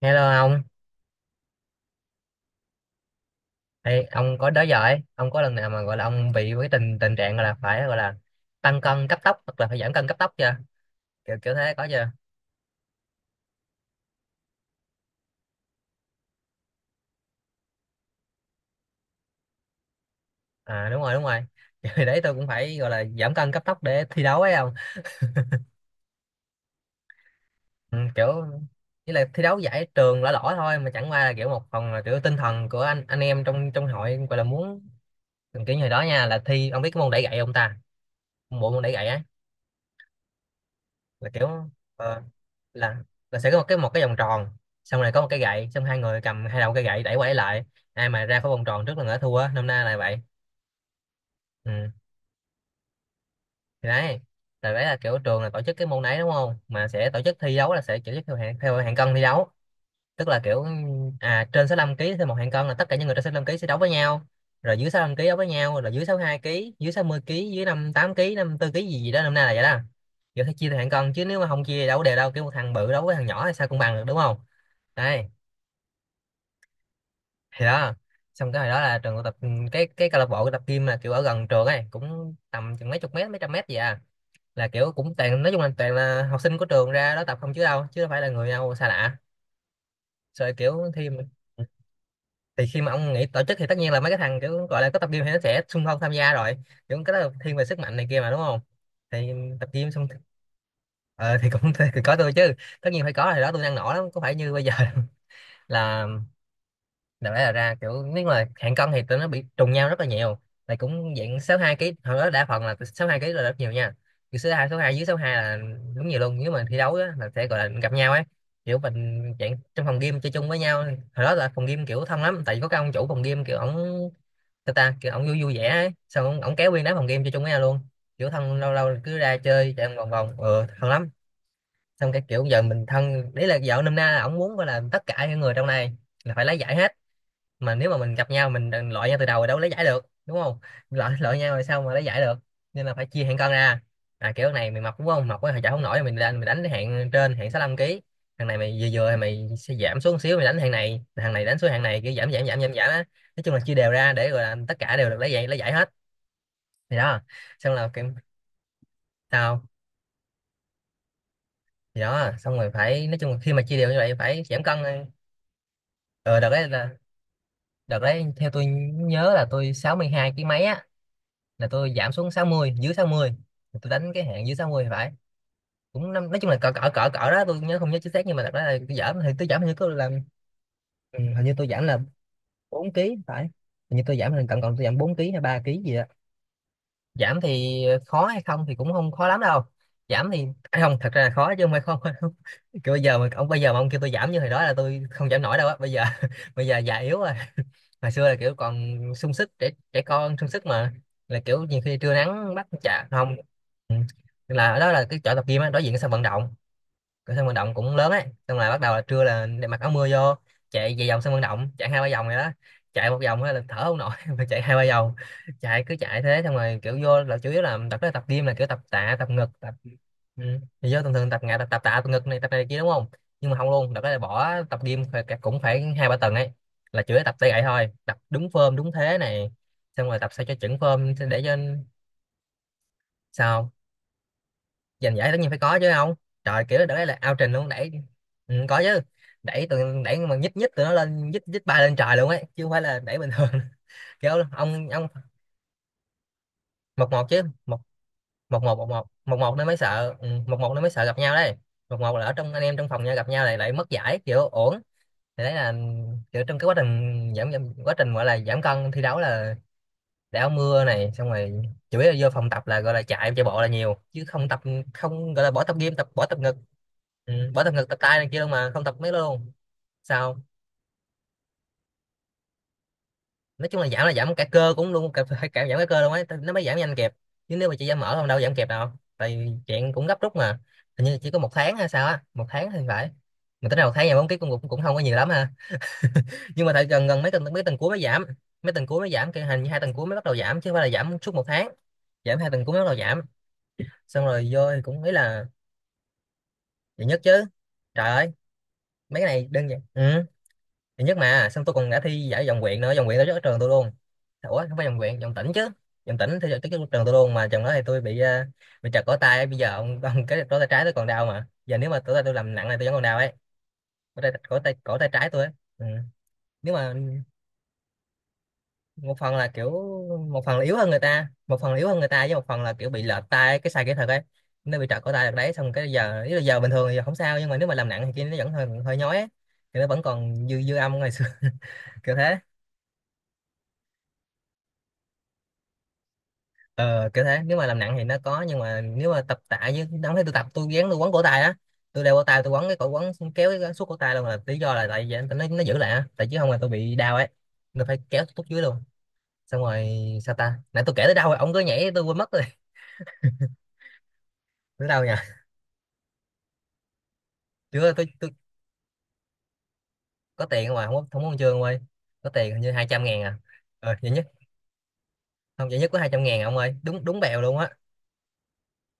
Hello ông. Ê, ông có đó giờ ấy, ông có lần nào mà gọi là ông bị cái tình tình trạng gọi là phải gọi là tăng cân cấp tốc hoặc là phải giảm cân cấp tốc chưa? Kiểu kiểu thế có chưa? À đúng rồi đúng rồi. Kiểu hồi đấy tôi cũng phải gọi là giảm cân cấp tốc để thi đấu ấy ông. Ừ, kiểu như là thi đấu giải trường lỏ lỏ thôi, mà chẳng qua là kiểu một phần là kiểu tinh thần của anh em trong trong hội gọi là muốn kiểu như hồi đó nha, là thi ông biết cái môn đẩy gậy không ta? Bộ môn đẩy gậy á, là kiểu ờ, là là sẽ có một cái vòng tròn, xong rồi có một cái gậy, xong hai người cầm hai đầu cái gậy đẩy qua đẩy lại, ai mà ra khỏi vòng tròn trước là người đó thua, năm nay là vậy. Ừ. Thì đấy là, đấy là kiểu trường là tổ chức cái môn đấy đúng không, mà sẽ tổ chức thi đấu là sẽ tổ chức theo hạng, theo hạng cân thi đấu. Tức là kiểu à, trên 65 ký, thêm một hạng cân là tất cả những người trên 65 ký sẽ đấu với nhau, rồi dưới 65 ký đấu với nhau, rồi dưới sáu hai ký, dưới 60 ký, dưới 58 ký, 54 ký gì gì đó, năm nay là vậy đó. Giờ phải chia theo hạng cân chứ, nếu mà không chia thì đâu có đều đâu, kiểu một thằng bự đấu với thằng nhỏ thì sao cũng bằng được đúng không. Đây, thì đó. Xong cái hồi đó là trường tập, ừ, cái câu lạc bộ tập gym là kiểu ở gần trường ấy, cũng tầm chừng mấy chục mét, mấy trăm mét gì à. Là kiểu cũng toàn, nói chung là toàn là học sinh của trường ra đó tập không, chứ đâu, chứ đâu phải là người nào xa lạ. Rồi kiểu thi, thì khi mà ông nghĩ tổ chức thì tất nhiên là mấy cái thằng kiểu gọi là có tập gym thì nó sẽ xung phong tham gia rồi, kiểu cái đó là thiên về sức mạnh này kia mà đúng không. Thì tập gym xong, ờ, thì cũng thì có tôi chứ, tất nhiên phải có. Thì đó, tôi năng nổ lắm, có phải như bây giờ. Là đại loại là ra kiểu, nếu mà hạng cân thì tụi nó bị trùng nhau rất là nhiều, là cũng dạng sáu hai ký, hồi đó đa phần là sáu hai ký là rất nhiều nha. Kiểu số hai, số hai dưới sáu hai là đúng nhiều luôn, nếu mà thi đấu á là sẽ gọi là gặp nhau ấy. Kiểu mình dạng trong phòng game chơi chung với nhau, hồi đó là phòng game kiểu thân lắm, tại vì có cái ông chủ phòng game kiểu ổng, ta ta kiểu ổng vui vui vẻ ấy, xong ổng, ổng kéo nguyên đám phòng game chơi chung với nhau luôn, kiểu thân, lâu lâu cứ ra chơi chạy vòng vòng, ừ, thân lắm. Xong cái kiểu giờ mình thân đấy là vợ, nôm na là ổng muốn gọi là tất cả những người trong này là phải lấy giải hết, mà nếu mà mình gặp nhau mình đừng loại nhau từ đầu rồi, đâu có lấy giải được đúng không, loại loại nhau rồi sao mà lấy giải được. Nên là phải chia hạng cân ra. À kiểu này mày mập đúng không, mập quá thì chả không nổi, mình đánh, mình đánh cái hạng trên, hạng 65 ký. Thằng này mày vừa vừa thì mày sẽ giảm xuống một xíu, mày đánh hạng này, thằng này đánh xuống hạng này, kiểu giảm giảm giảm giảm giảm á. Nói chung là chia đều ra để gọi là tất cả đều được lấy giải, lấy giải hết. Thì đó, xong là kiểu tao, thì đó, xong rồi phải, nói chung là khi mà chia đều như vậy phải giảm cân. Ờ đợt đấy là, đợt đấy theo tôi nhớ là tôi 62 kg mấy á, là tôi giảm xuống sáu mươi, dưới 60, tôi đánh cái hạn dưới 60 phải, cũng năm, nói chung là cỡ cỡ cỡ cỡ đó, tôi nhớ không nhớ chính xác, nhưng mà thật ra là tôi giảm thì tôi giảm, hình như tôi làm, ừ, hình như tôi giảm là 4 ký phải. Hình như tôi giảm là cộng, cộng tôi giảm 4 ký hay 3 ký gì đó. Giảm thì khó hay không thì cũng không khó lắm đâu. Giảm thì không, thật ra là khó chứ không phải không. Kiểu bây giờ mà ông, bây giờ mà ông kêu tôi giảm như hồi đó là tôi không giảm nổi đâu á, bây giờ bây giờ già yếu rồi, hồi xưa là kiểu còn sung sức, trẻ trẻ con sung sức mà, là kiểu nhiều khi trưa nắng bắt chà không. Ừ. Tức là ở đó là cái chỗ tập gym á, đối diện cái sân vận động, cái sân vận động cũng lớn ấy, xong là bắt đầu là trưa là để mặc áo mưa vô, chạy về vòng sân vận động, chạy hai ba vòng này đó, chạy một vòng á là thở không nổi, mà chạy hai ba vòng, chạy cứ chạy thế. Xong rồi kiểu vô là chủ yếu là tập đó, tập gym là kiểu tập tạ, tập ngực, tập, ừ. Thì vô thường thường tập ngã tập, tập tạ, tập ngực này, tập này kia đúng không, nhưng mà không luôn, đợt đó là bỏ tập gym phải- cũng phải hai ba tuần ấy, là chủ yếu tập tay gậy thôi, tập đúng form đúng thế này, xong rồi tập sao cho chuẩn form để cho, sao? Giành giải tất nhiên phải có chứ không. Trời, kiểu đó là ao trình luôn đẩy, ừ, có chứ. Đẩy từ, đẩy mà nhích nhích tụi nó lên, nhích nhích bay lên trời luôn ấy, chứ không phải là đẩy bình thường. Kiểu ông, một một chứ, một, một một một một một một nó mới sợ, ừ, một một nó mới sợ gặp nhau đấy. Một một là ở trong anh em trong phòng nhau gặp nhau, lại lại mất giải kiểu uổng. Thì đấy là kiểu trong cái quá trình giảm, giảm, quá trình gọi là giảm cân thi đấu là để áo mưa này, xong rồi chủ yếu là vô phòng tập là gọi là chạy, chạy bộ là nhiều chứ không tập, không gọi là bỏ tập gym tập, bỏ tập ngực, ừ, bỏ tập ngực, tập tay này kia đâu, mà không tập mấy đó luôn. Sao? Nói chung là giảm cả cơ cũng luôn cả, phải cả giảm cả cơ luôn ấy, nó mới giảm nhanh kịp, chứ nếu mà chị giảm mỡ không, đâu giảm kịp đâu, tại vì chuyện cũng gấp rút mà. Hình như chỉ có một tháng hay sao á, một tháng thì phải, mà tính ra một tháng giảm bốn ký cũng cũng cũng không có nhiều lắm ha, nhưng mà tại gần, gần mấy tuần, mấy tuần cuối mới giảm, mấy tuần cuối mới giảm kia, hình như hai tuần cuối mới bắt đầu giảm, chứ không phải là giảm suốt một tháng, giảm hai tuần cuối mới bắt đầu giảm. Xong rồi vô thì cũng ý là, giải nhất chứ, trời ơi, mấy cái này đơn giản. Ừ, giải nhất mà, xong tôi còn đã thi giải vòng huyện nữa, vòng huyện tổ chức ở trường tôi luôn, ủa không phải vòng huyện, vòng tỉnh chứ, vòng tỉnh thi tổ chức ở trường tôi luôn, mà trường đó thì tôi bị bị trật cổ tay, bây giờ ông cái cổ tay trái tôi còn đau mà, giờ nếu mà cổ tay tôi làm nặng này tôi vẫn còn đau ấy, cổ tay, cổ tay cổ tay trái tôi ấy. Ừ. Nếu mà một phần là kiểu, một phần là yếu hơn người ta, một phần là yếu hơn người ta với một phần là kiểu bị lệch tai cái sai kỹ thuật ấy, nó bị trật cổ tay được đấy. Xong cái giờ ý là giờ bình thường thì giờ không sao, nhưng mà nếu mà làm nặng thì kia nó vẫn hơi hơi nhói ấy. Thì nó vẫn còn dư dư âm ngày xưa. Kiểu thế. Ờ Kiểu thế, nếu mà làm nặng thì nó có, nhưng mà nếu mà tập tạ như đóng thấy tôi tập, tôi gắng tôi quấn cổ tay á. Tôi đeo cổ tay, tôi quấn cái cổ quấn xong kéo cái suốt cổ tay luôn, là lý do là tại vì nó giữ lại á, tại chứ không là tôi bị đau ấy. Tôi phải kéo tôi tút dưới luôn. Xong rồi, sao ta, nãy tôi kể tới đâu rồi, ông cứ nhảy tôi quên mất rồi. Tới đâu nhỉ? Tôi có tiền không à, không có, không có huân chương ông ơi. Có tiền hình như 200.000 à. Ờ, vậy nhất, không, vậy nhất có 200.000 à, ông ơi. Đúng đúng bèo luôn á.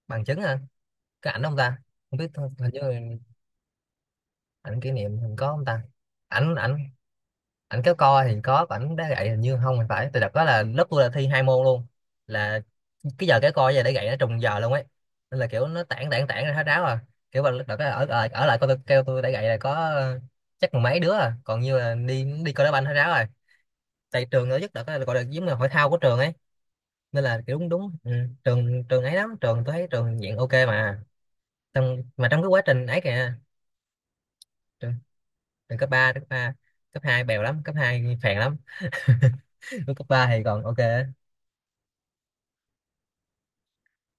Bằng chứng hả? Cái ảnh ông ta? Không biết, thôi, hình như ảnh kỷ niệm mình có không ta? Ảnh, ảnh, Ảnh kéo co thì có, còn ảnh đá gậy hình như không thì phải. Từ đợt đó là lớp tôi là thi 2 môn luôn. Là cái giờ kéo co với giờ đá gậy nó trùng giờ luôn ấy. Nên là kiểu nó tản tản tản ra hết ráo à. Kiểu mà đợt đó ở lại coi, tôi kêu tôi đá gậy là có chắc mười mấy đứa à. Còn như là đi đi coi đá banh hết ráo rồi, tại trường nó rất đợt là cái gọi là giống là hội thao của trường ấy. Nên là kiểu đúng đúng ừ. trường trường ấy lắm, trường tôi thấy trường diện ok mà, trong cái quá trình ấy kìa. trường, Trường cấp ba. Cấp 2 bèo lắm, cấp 2 phèn lắm. Lúc cấp 3 thì còn ok á.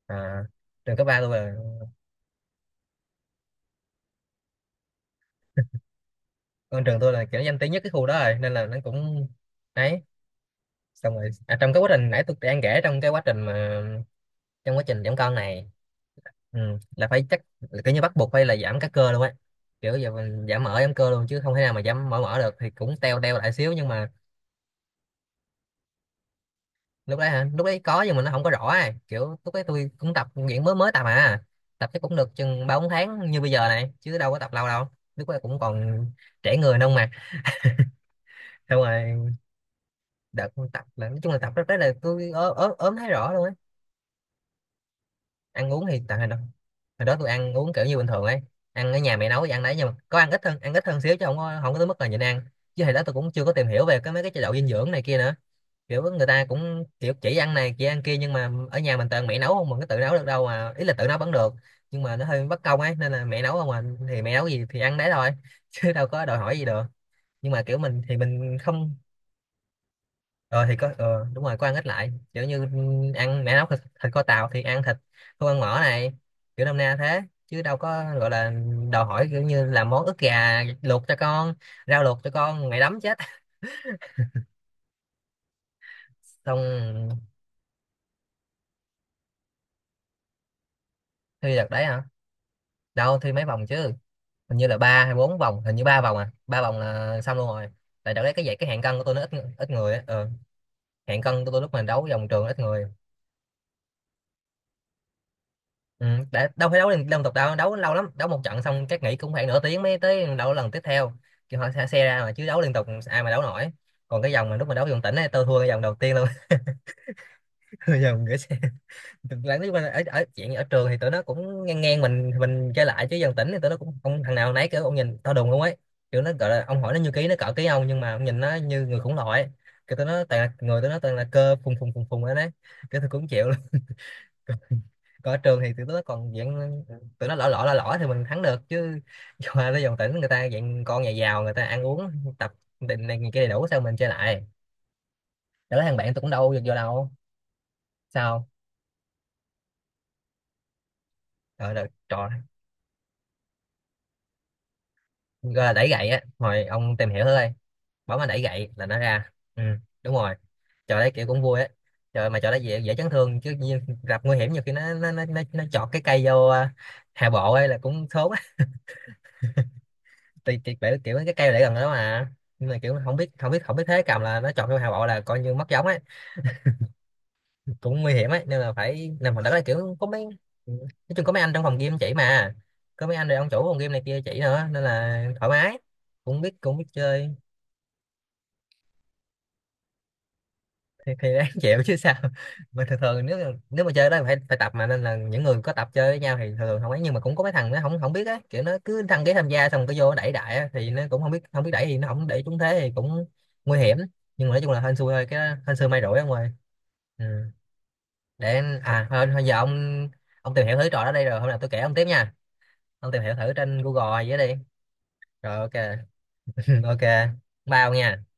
à, Trường cấp 3 tôi là con trường tôi là kiểu danh tiếng nhất cái khu đó rồi, nên là nó cũng đấy. Xong rồi, trong cái quá trình nãy tôi đang kể, trong cái quá trình mà trong quá trình giảm cân này, ừ, là phải chắc là kiểu như bắt buộc phải là giảm các cơ luôn ấy. Kiểu giờ mình giảm mỡ giảm cơ luôn chứ không thể nào mà giảm mỡ mỡ được, thì cũng teo teo lại xíu nhưng mà lúc đấy hả, lúc đấy có nhưng mà nó không có rõ ấy. Kiểu lúc đấy tôi cũng tập luyện mới mới tập à. Tập chắc cũng được chừng 3 4 tháng như bây giờ này, chứ đâu có tập lâu đâu. Lúc đấy cũng còn trẻ người nông mà. Xong rồi, đợt tập là nói chung là tập rất đấy, là tôi ớ, ớ, ốm thấy rõ luôn á. Ăn uống thì tại hồi đó tôi ăn uống kiểu như bình thường ấy. Ăn ở nhà mẹ nấu thì ăn đấy, nhưng mà có ăn ít hơn, ăn ít hơn xíu, chứ không có tới mức là nhịn ăn. Chứ hồi đó tôi cũng chưa có tìm hiểu về cái mấy cái chế độ dinh dưỡng này kia nữa. Kiểu người ta cũng kiểu chỉ ăn này chỉ ăn kia, nhưng mà ở nhà mình toàn mẹ nấu không, mình có tự nấu được đâu, mà ý là tự nấu vẫn được, nhưng mà nó hơi bất công ấy, nên là mẹ nấu không à. Thì mẹ nấu gì thì ăn đấy thôi, chứ đâu có đòi hỏi gì được. Nhưng mà kiểu mình thì mình không. Ờ thì có đúng rồi, có ăn ít lại, kiểu như ăn mẹ nấu thịt kho tàu thì ăn thịt, không ăn mỡ này, kiểu năm na thế, chứ đâu có gọi là đòi hỏi kiểu như làm món ức gà luộc cho con, rau luộc cho con mày đấm chết. Xong thi đợt đấy hả, đâu thi mấy vòng chứ, hình như là 3 hay 4 vòng, hình như 3 vòng à, 3 vòng là xong luôn rồi. Tại đợt đấy cái vậy cái hạng cân của tôi nó ít, ít người á. Ờ, hạng cân của tôi lúc mà đấu vòng trường ít người. Ừ, đâu phải đấu liên tục đâu, đấu lâu lắm, đấu một trận xong các nghỉ cũng khoảng 1/2 tiếng mới tới đấu lần tiếp theo. Kiểu họ xe ra mà, chứ đấu liên tục ai mà đấu nổi. Còn cái vòng mà lúc mà đấu vòng tỉnh ấy, tôi thua cái vòng đầu tiên luôn. Vòng gửi xe. Lần thứ ở, ở chuyện ở trường thì tụi nó cũng ngang ngang mình chơi lại, chứ vòng tỉnh thì tụi nó cũng không, thằng nào nấy kiểu ông nhìn tao đùng không ấy. Kiểu nó gọi là ông hỏi nó như ký, nó cỡ ký ông, nhưng mà ông nhìn nó như người khủng loại. Cái tụi nó toàn là người, tụi nó toàn là cơ phùng phùng phùng phùng ấy đấy. Cái tôi cũng chịu. Còn ở trường thì tụi nó còn dạng tụi nó lỏ lỏ lỏ lỏ thì mình thắng được chứ. Qua tới dòng tỉnh người ta dạng con nhà giàu, người ta ăn uống, tập, định này kia đầy đủ, sao mình chơi lại. Đó là thằng bạn tôi cũng đâu được vô đâu. Sao trời ơi, trò gọi là đẩy gậy á, hồi ông tìm hiểu thôi, bỏ mà đẩy gậy là nó ra, ừ đúng rồi. Trò đấy kiểu cũng vui á. Trời, mà trò đấy dễ chấn thương chứ như gặp nguy hiểm, nhiều khi nó chọt cái cây vô hạ bộ ấy là cũng thốn. Thì kiểu kiểu kiểu cái cây để gần đó mà, nhưng mà kiểu không biết không biết thế cầm, là nó chọn cái hào bộ là coi như mất giống ấy, cũng nguy hiểm ấy, nên là phải làm phòng đất, là kiểu có mấy nói chung có mấy anh trong phòng game chỉ mà, có mấy anh này ông chủ phòng game này kia chỉ nữa, nên là thoải mái, cũng biết chơi. Thì đáng chịu chứ sao. Mà thường thường nếu, nếu mà chơi đó thì phải phải tập mà, nên là những người có tập chơi với nhau thì thường thường không ấy, nhưng mà cũng có mấy thằng nó không, không biết á, kiểu nó cứ đăng ký tham gia xong cái vô nó đẩy đại á, thì nó cũng không biết, không biết đẩy, thì nó không đẩy trúng thế thì cũng nguy hiểm. Nhưng mà nói chung là hên xui thôi, cái đó hên xui may rủi ông ơi. Ừ. Để à thôi, thôi giờ ông tìm hiểu thử trò đó đây, rồi hôm nào tôi kể ông tiếp nha. Ông tìm hiểu thử trên Google gì đó đi. Rồi ok. Ok, bao nha.